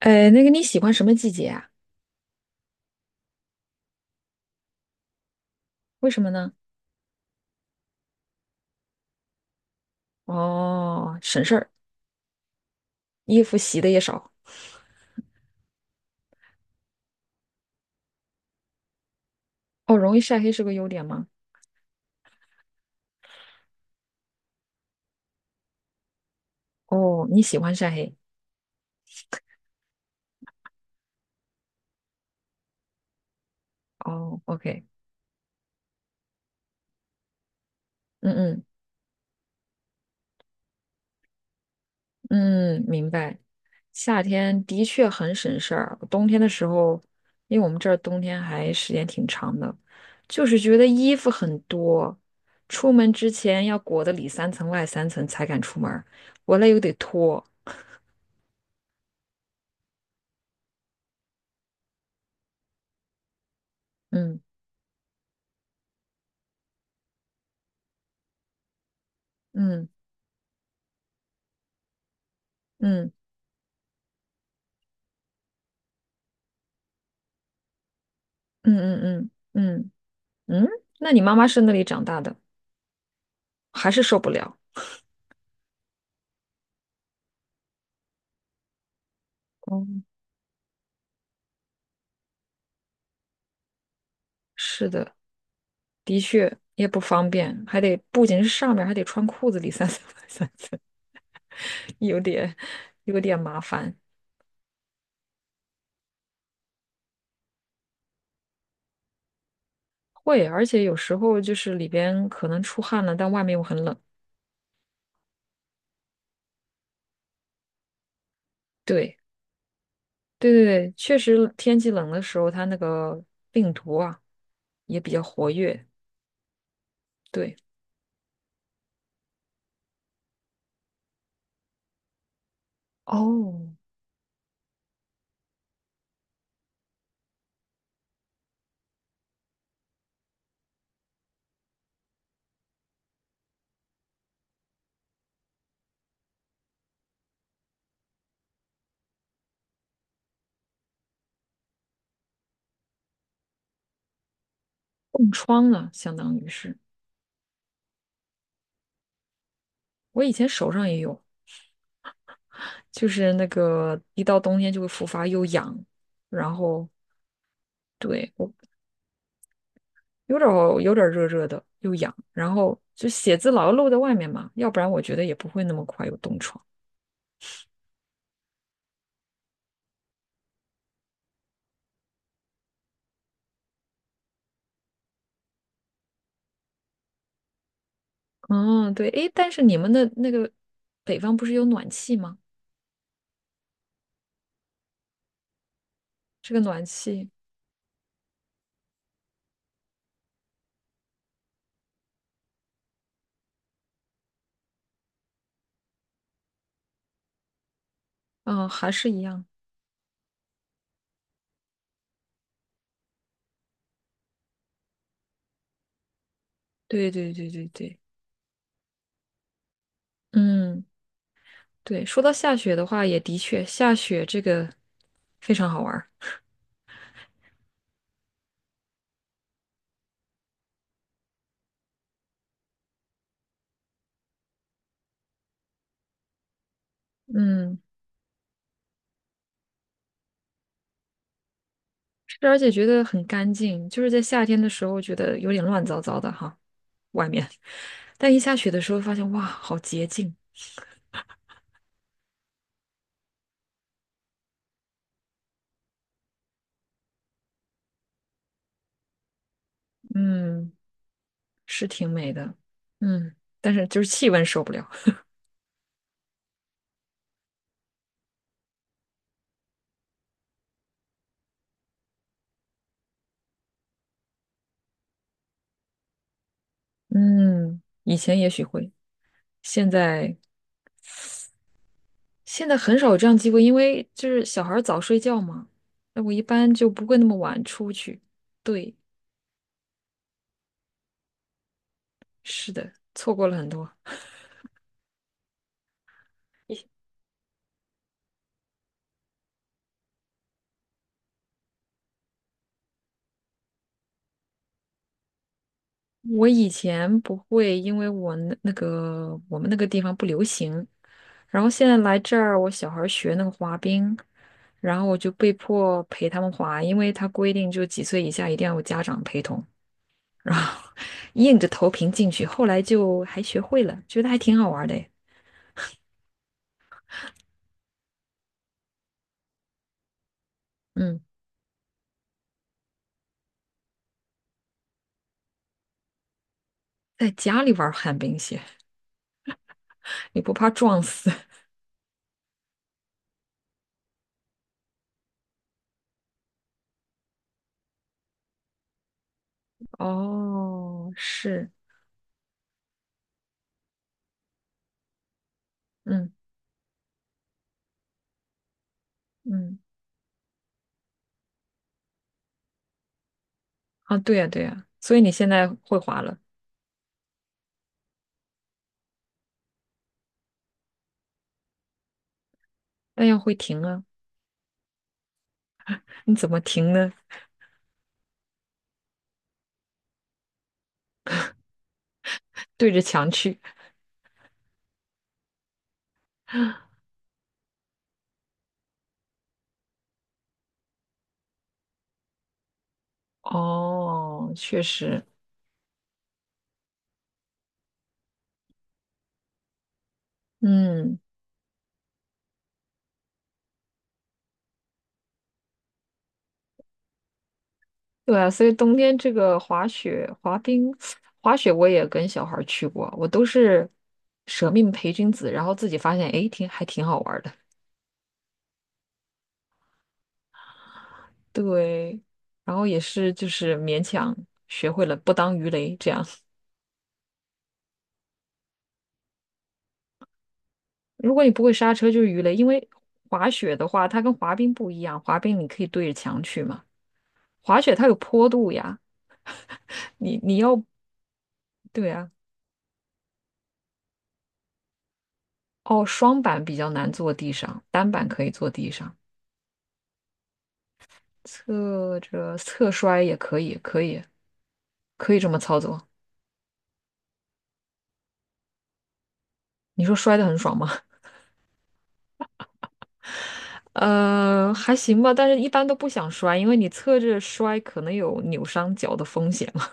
哎，那个你喜欢什么季节啊？为什么呢？哦，省事儿，衣服洗的也少。哦，容易晒黑是个优点吗？哦，你喜欢晒黑。哦，OK,嗯嗯嗯，明白。夏天的确很省事儿，冬天的时候，因为我们这儿冬天还时间挺长的，就是觉得衣服很多，出门之前要裹得里三层外三层才敢出门儿，回来又得脱。嗯嗯嗯嗯嗯嗯嗯。嗯嗯，那你妈妈是那里长大的，还是受不了？哦，是的，的确也不方便，还得不仅是上面还得穿裤子里三三三 三次，有点有点麻烦。会，而且有时候就是里边可能出汗了，但外面又很冷。对，对对对，确实天气冷的时候，它那个病毒啊也比较活跃。对，哦，冻疮了，相当于是我以前手上也有。就是那个一到冬天就会复发，又痒，然后对我有点儿有点儿热热的，又痒，然后就写字老要露在外面嘛，要不然我觉得也不会那么快有冻疮。嗯，对，诶，但是你们的那个北方不是有暖气吗？这个暖气，嗯，还是一样。对对对对对，嗯，对，说到下雪的话，也的确下雪这个非常好玩儿。嗯，是，而且觉得很干净，就是在夏天的时候觉得有点乱糟糟的哈。外面，但一下雪的时候发现，哇，好洁净，嗯，是挺美的，嗯，但是就是气温受不了，嗯，以前也许会，现在现在很少有这样机会，因为就是小孩儿早睡觉嘛，那我一般就不会那么晚出去，对，是的，错过了很多，我以前不会，因为我我们那个地方不流行，然后现在来这儿，我小孩儿学那个滑冰，然后我就被迫陪他们滑，因为他规定就几岁以下一定要有家长陪同，然后 硬着头皮进去，后来就还学会了，觉得还挺好玩的诶嗯，在家里玩旱冰鞋，你不怕撞死？哦，是，嗯嗯，啊，对呀对呀，所以你现在会滑了，但要会停啊，你怎么停呢？对着墙去。哦，确实，嗯，对啊，所以冬天这个滑雪、滑冰、滑雪我也跟小孩儿去过，我都是舍命陪君子，然后自己发现，诶，挺好玩儿的。对，然后也是就是勉强学会了不当鱼雷这样。如果你不会刹车就是鱼雷，因为滑雪的话，它跟滑冰不一样，滑冰你可以对着墙去嘛，滑雪它有坡度呀，你要。对啊，哦，双板比较难坐地上，单板可以坐地上，侧摔也可以，可以，可以这么操作。你说摔得很爽吗？呃，还行吧，但是一般都不想摔，因为你侧着摔可能有扭伤脚的风险嘛。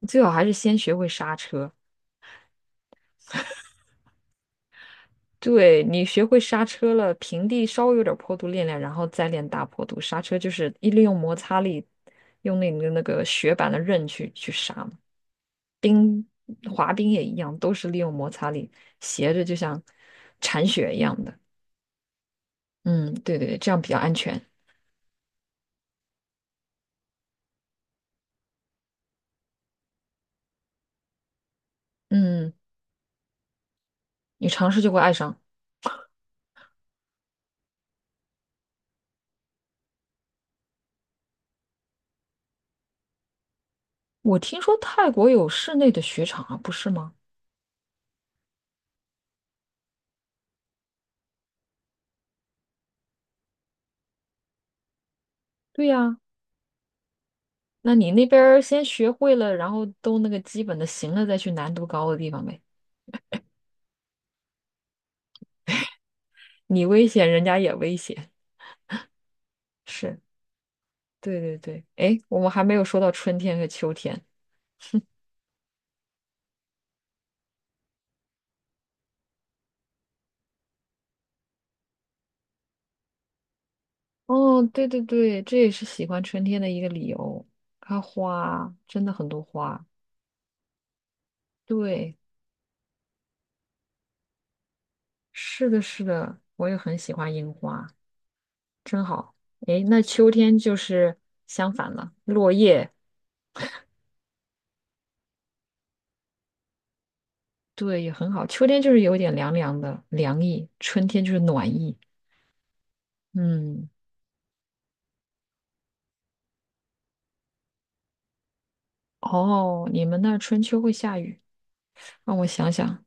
最好还是先学会刹车。对，你学会刹车了，平地稍微有点坡度练练，然后再练大坡度。刹车就是利用摩擦力，用那个雪板的刃去刹嘛。冰滑冰也一样，都是利用摩擦力，斜着就像铲雪一样的。嗯，对对对，这样比较安全。嗯，你尝试就会爱上。我听说泰国有室内的雪场啊，不是吗？对呀，那你那边儿先学会了，然后都那个基本的行了，再去难度高的地方呗。你危险，人家也危险。是，对对对。哎，我们还没有说到春天和秋天。哦，对对对，这也是喜欢春天的一个理由。它真的很多花，对，是的，是的，我也很喜欢樱花，真好。诶，那秋天就是相反了，落叶，对，也很好。秋天就是有点凉凉的，凉意；春天就是暖意。嗯，哦，你们那儿春秋会下雨？让我想想。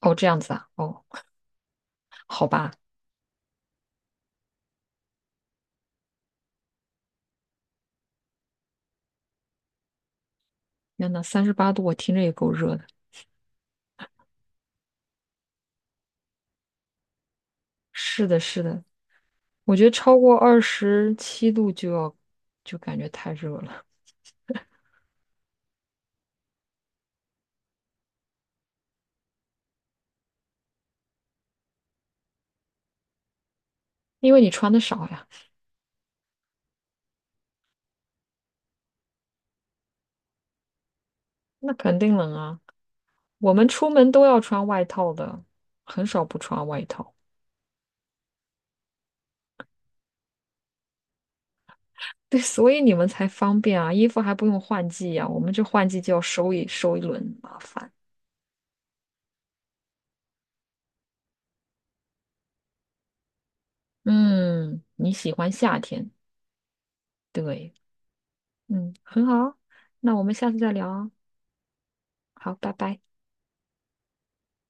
哦，这样子啊。哦，好吧。天呐，38度，我听着也够热的。是的，是的，我觉得超过27度就要，就感觉太热了，因为你穿的少呀，那肯定冷啊。我们出门都要穿外套的，很少不穿外套。对，所以你们才方便啊，衣服还不用换季呀、我们这换季就要收一轮，麻烦。嗯，你喜欢夏天，对，嗯，很好啊，那我们下次再聊啊。好，拜拜。